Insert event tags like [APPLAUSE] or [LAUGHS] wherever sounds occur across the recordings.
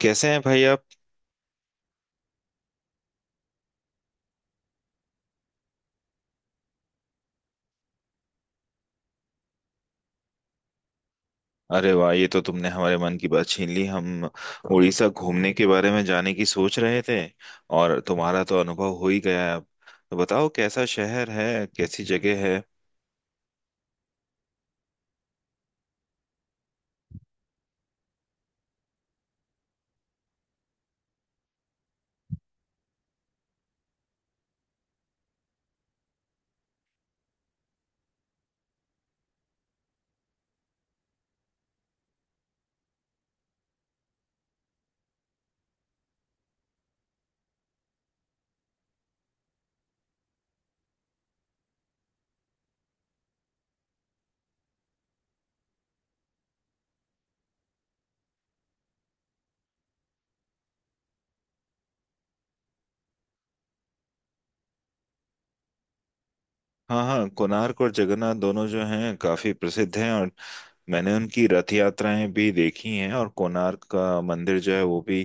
कैसे हैं भाई आप। अरे वाह, ये तो तुमने हमारे मन की बात छीन ली। हम उड़ीसा घूमने के बारे में जाने की सोच रहे थे, और तुम्हारा तो अनुभव हो ही गया है। अब तो बताओ, कैसा शहर है, कैसी जगह है। हाँ हाँ, कोणार्क और जगन्नाथ दोनों जो हैं काफी प्रसिद्ध हैं, और मैंने उनकी रथ यात्राएं भी देखी हैं। और कोणार्क का मंदिर जो है वो भी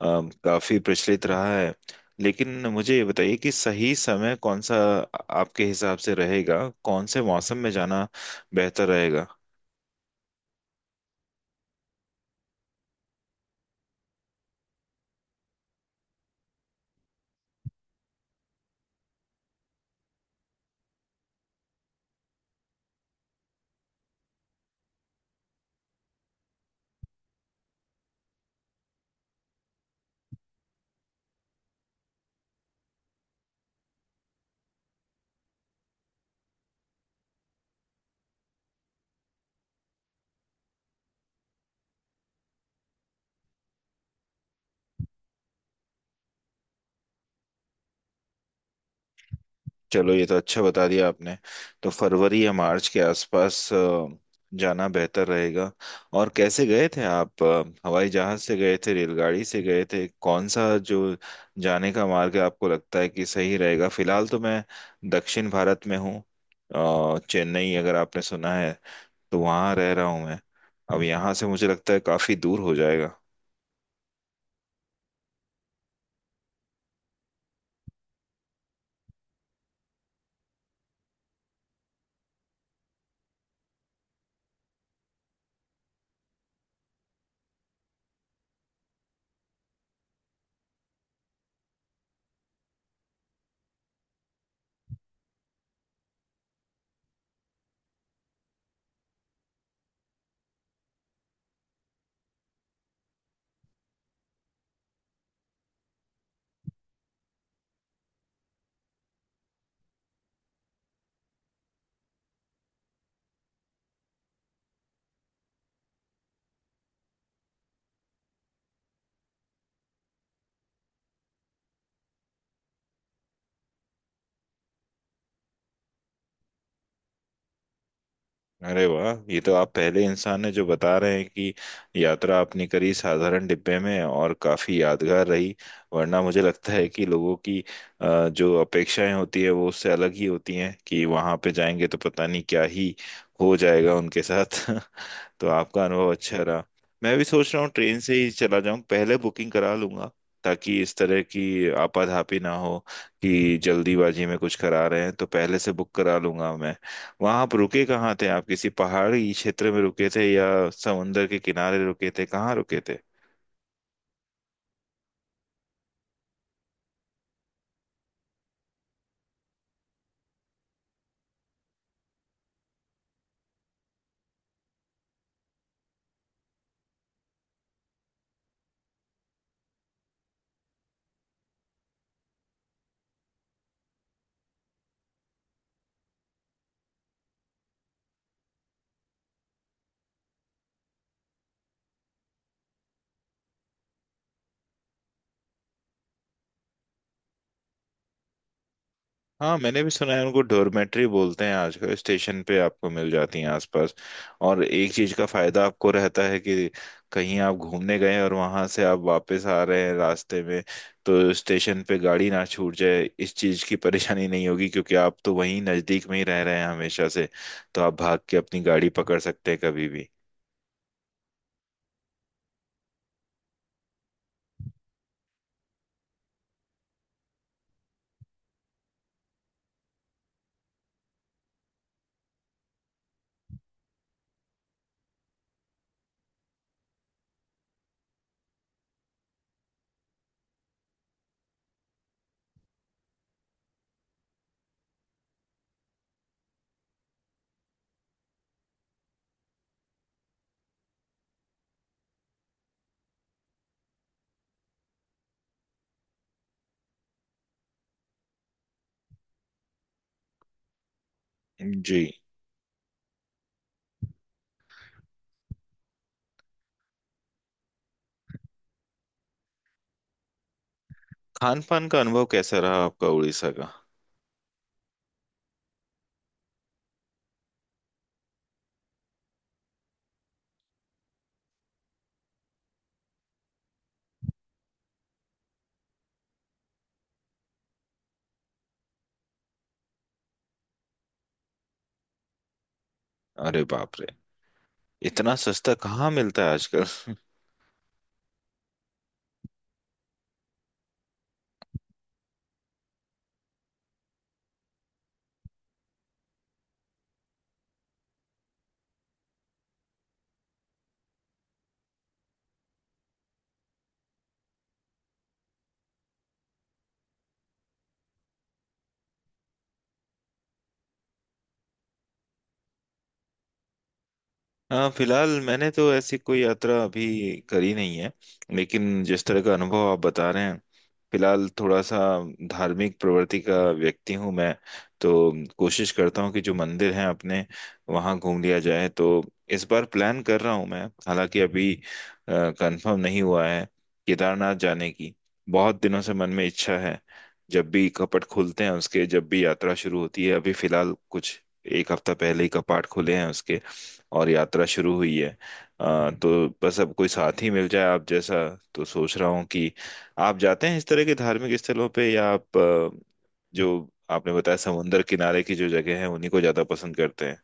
काफी प्रचलित रहा है। लेकिन मुझे ये बताइए कि सही समय कौन सा आपके हिसाब से रहेगा, कौन से मौसम में जाना बेहतर रहेगा। चलो, ये तो अच्छा बता दिया आपने। तो फरवरी या मार्च के आसपास जाना बेहतर रहेगा। और कैसे गए थे आप, हवाई जहाज से गए थे, रेलगाड़ी से गए थे, कौन सा जो जाने का मार्ग आपको लगता है कि सही रहेगा। फिलहाल तो मैं दक्षिण भारत में हूँ। चेन्नई अगर आपने सुना है, तो वहाँ रह रहा हूँ मैं। अब यहाँ से मुझे लगता है काफी दूर हो जाएगा। अरे वाह, ये तो आप पहले इंसान हैं जो बता रहे हैं कि यात्रा आपने करी साधारण डिब्बे में और काफी यादगार रही। वरना मुझे लगता है कि लोगों की जो अपेक्षाएं होती है वो उससे अलग ही होती हैं, कि वहां पे जाएंगे तो पता नहीं क्या ही हो जाएगा उनके साथ। [LAUGHS] तो आपका अनुभव अच्छा रहा। मैं भी सोच रहा हूँ ट्रेन से ही चला जाऊँ, पहले बुकिंग करा लूंगा, ताकि इस तरह की आपाधापी ना हो, कि जल्दीबाजी में कुछ करा रहे हैं। तो पहले से बुक करा लूंगा मैं। वहां आप रुके कहाँ थे, आप किसी पहाड़ी क्षेत्र में रुके थे या समुंदर के किनारे रुके थे, कहाँ रुके थे। हाँ, मैंने भी सुना है, उनको डॉर्मेट्री बोलते हैं। आजकल स्टेशन पे आपको मिल जाती हैं आसपास। और एक चीज का फायदा आपको रहता है कि कहीं आप घूमने गए और वहां से आप वापस आ रहे हैं रास्ते में, तो स्टेशन पे गाड़ी ना छूट जाए इस चीज की परेशानी नहीं होगी, क्योंकि आप तो वहीं नजदीक में ही रह रहे हैं हमेशा से। तो आप भाग के अपनी गाड़ी पकड़ सकते हैं कभी भी। जी। खान पान का अनुभव कैसा रहा आपका उड़ीसा का। अरे बाप रे, इतना सस्ता कहाँ मिलता है। हाँ, फिलहाल मैंने तो ऐसी कोई यात्रा अभी करी नहीं है। लेकिन जिस तरह का अनुभव आप बता रहे हैं, फिलहाल थोड़ा सा धार्मिक प्रवृत्ति का व्यक्ति हूँ मैं। तो कोशिश करता हूँ कि जो मंदिर हैं अपने, वहाँ घूम लिया जाए। तो इस बार प्लान कर रहा हूँ मैं, हालांकि अभी कंफर्म नहीं हुआ है, केदारनाथ जाने की बहुत दिनों से मन में इच्छा है। जब भी कपट खुलते हैं उसके, जब भी यात्रा शुरू होती है, अभी फिलहाल कुछ एक हफ्ता पहले ही कपाट खुले हैं उसके और यात्रा शुरू हुई है। तो बस अब कोई साथी मिल जाए आप जैसा। तो सोच रहा हूँ कि आप जाते हैं इस तरह के धार्मिक स्थलों पे, या आप जो आपने बताया समुन्दर किनारे की जो जगह है उन्हीं को ज्यादा पसंद करते हैं।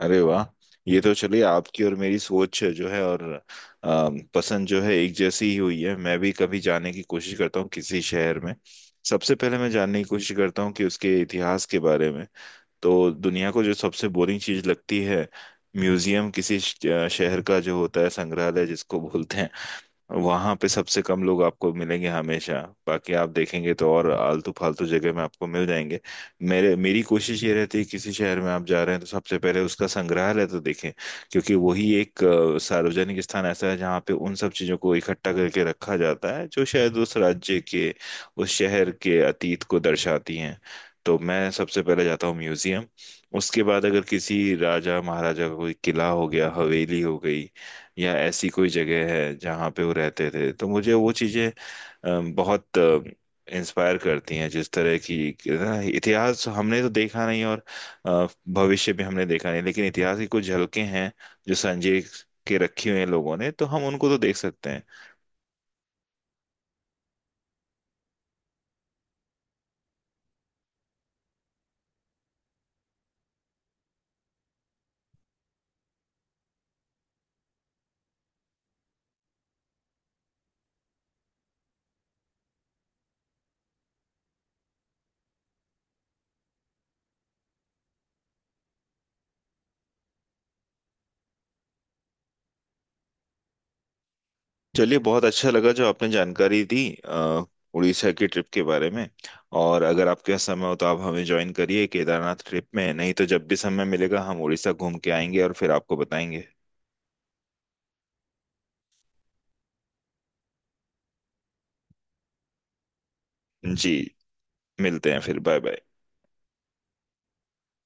अरे वाह, ये तो चलिए आपकी और मेरी सोच जो है और पसंद जो है, एक जैसी ही हुई है। मैं भी कभी जाने की कोशिश करता हूँ किसी शहर में, सबसे पहले मैं जानने की कोशिश करता हूँ कि उसके इतिहास के बारे में। तो दुनिया को जो सबसे बोरिंग चीज लगती है, म्यूजियम, किसी शहर का जो होता है संग्रहालय जिसको बोलते हैं, वहां पे सबसे कम लोग आपको मिलेंगे हमेशा। बाकी आप देखेंगे तो और आलतू फालतू जगह में आपको मिल जाएंगे। मेरे मेरी कोशिश ये रहती है किसी शहर में आप जा रहे हैं तो सबसे पहले उसका संग्रहालय तो देखें, क्योंकि वही एक सार्वजनिक स्थान ऐसा है जहाँ पे उन सब चीजों को इकट्ठा करके रखा जाता है जो शायद उस राज्य के, उस शहर के अतीत को दर्शाती हैं। तो मैं सबसे पहले जाता हूँ म्यूजियम। उसके बाद अगर किसी राजा महाराजा का कोई किला हो गया, हवेली हो गई, या ऐसी कोई जगह है जहाँ पे वो रहते थे, तो मुझे वो चीजें बहुत इंस्पायर करती हैं। जिस तरह की कि ना, इतिहास हमने तो देखा नहीं, और अ, भविष्य भी हमने देखा नहीं, लेकिन इतिहास की कुछ झलकें हैं जो संजय के रखी हुई हैं लोगों ने, तो हम उनको तो देख सकते हैं। चलिए, बहुत अच्छा लगा जो आपने जानकारी दी अ, उड़ीसा की ट्रिप के बारे में। और अगर आपके पास समय हो तो आप हमें ज्वाइन करिए केदारनाथ ट्रिप में, नहीं तो जब भी समय मिलेगा हम उड़ीसा घूम के आएंगे और फिर आपको बताएंगे। जी, मिलते हैं फिर। Bye bye.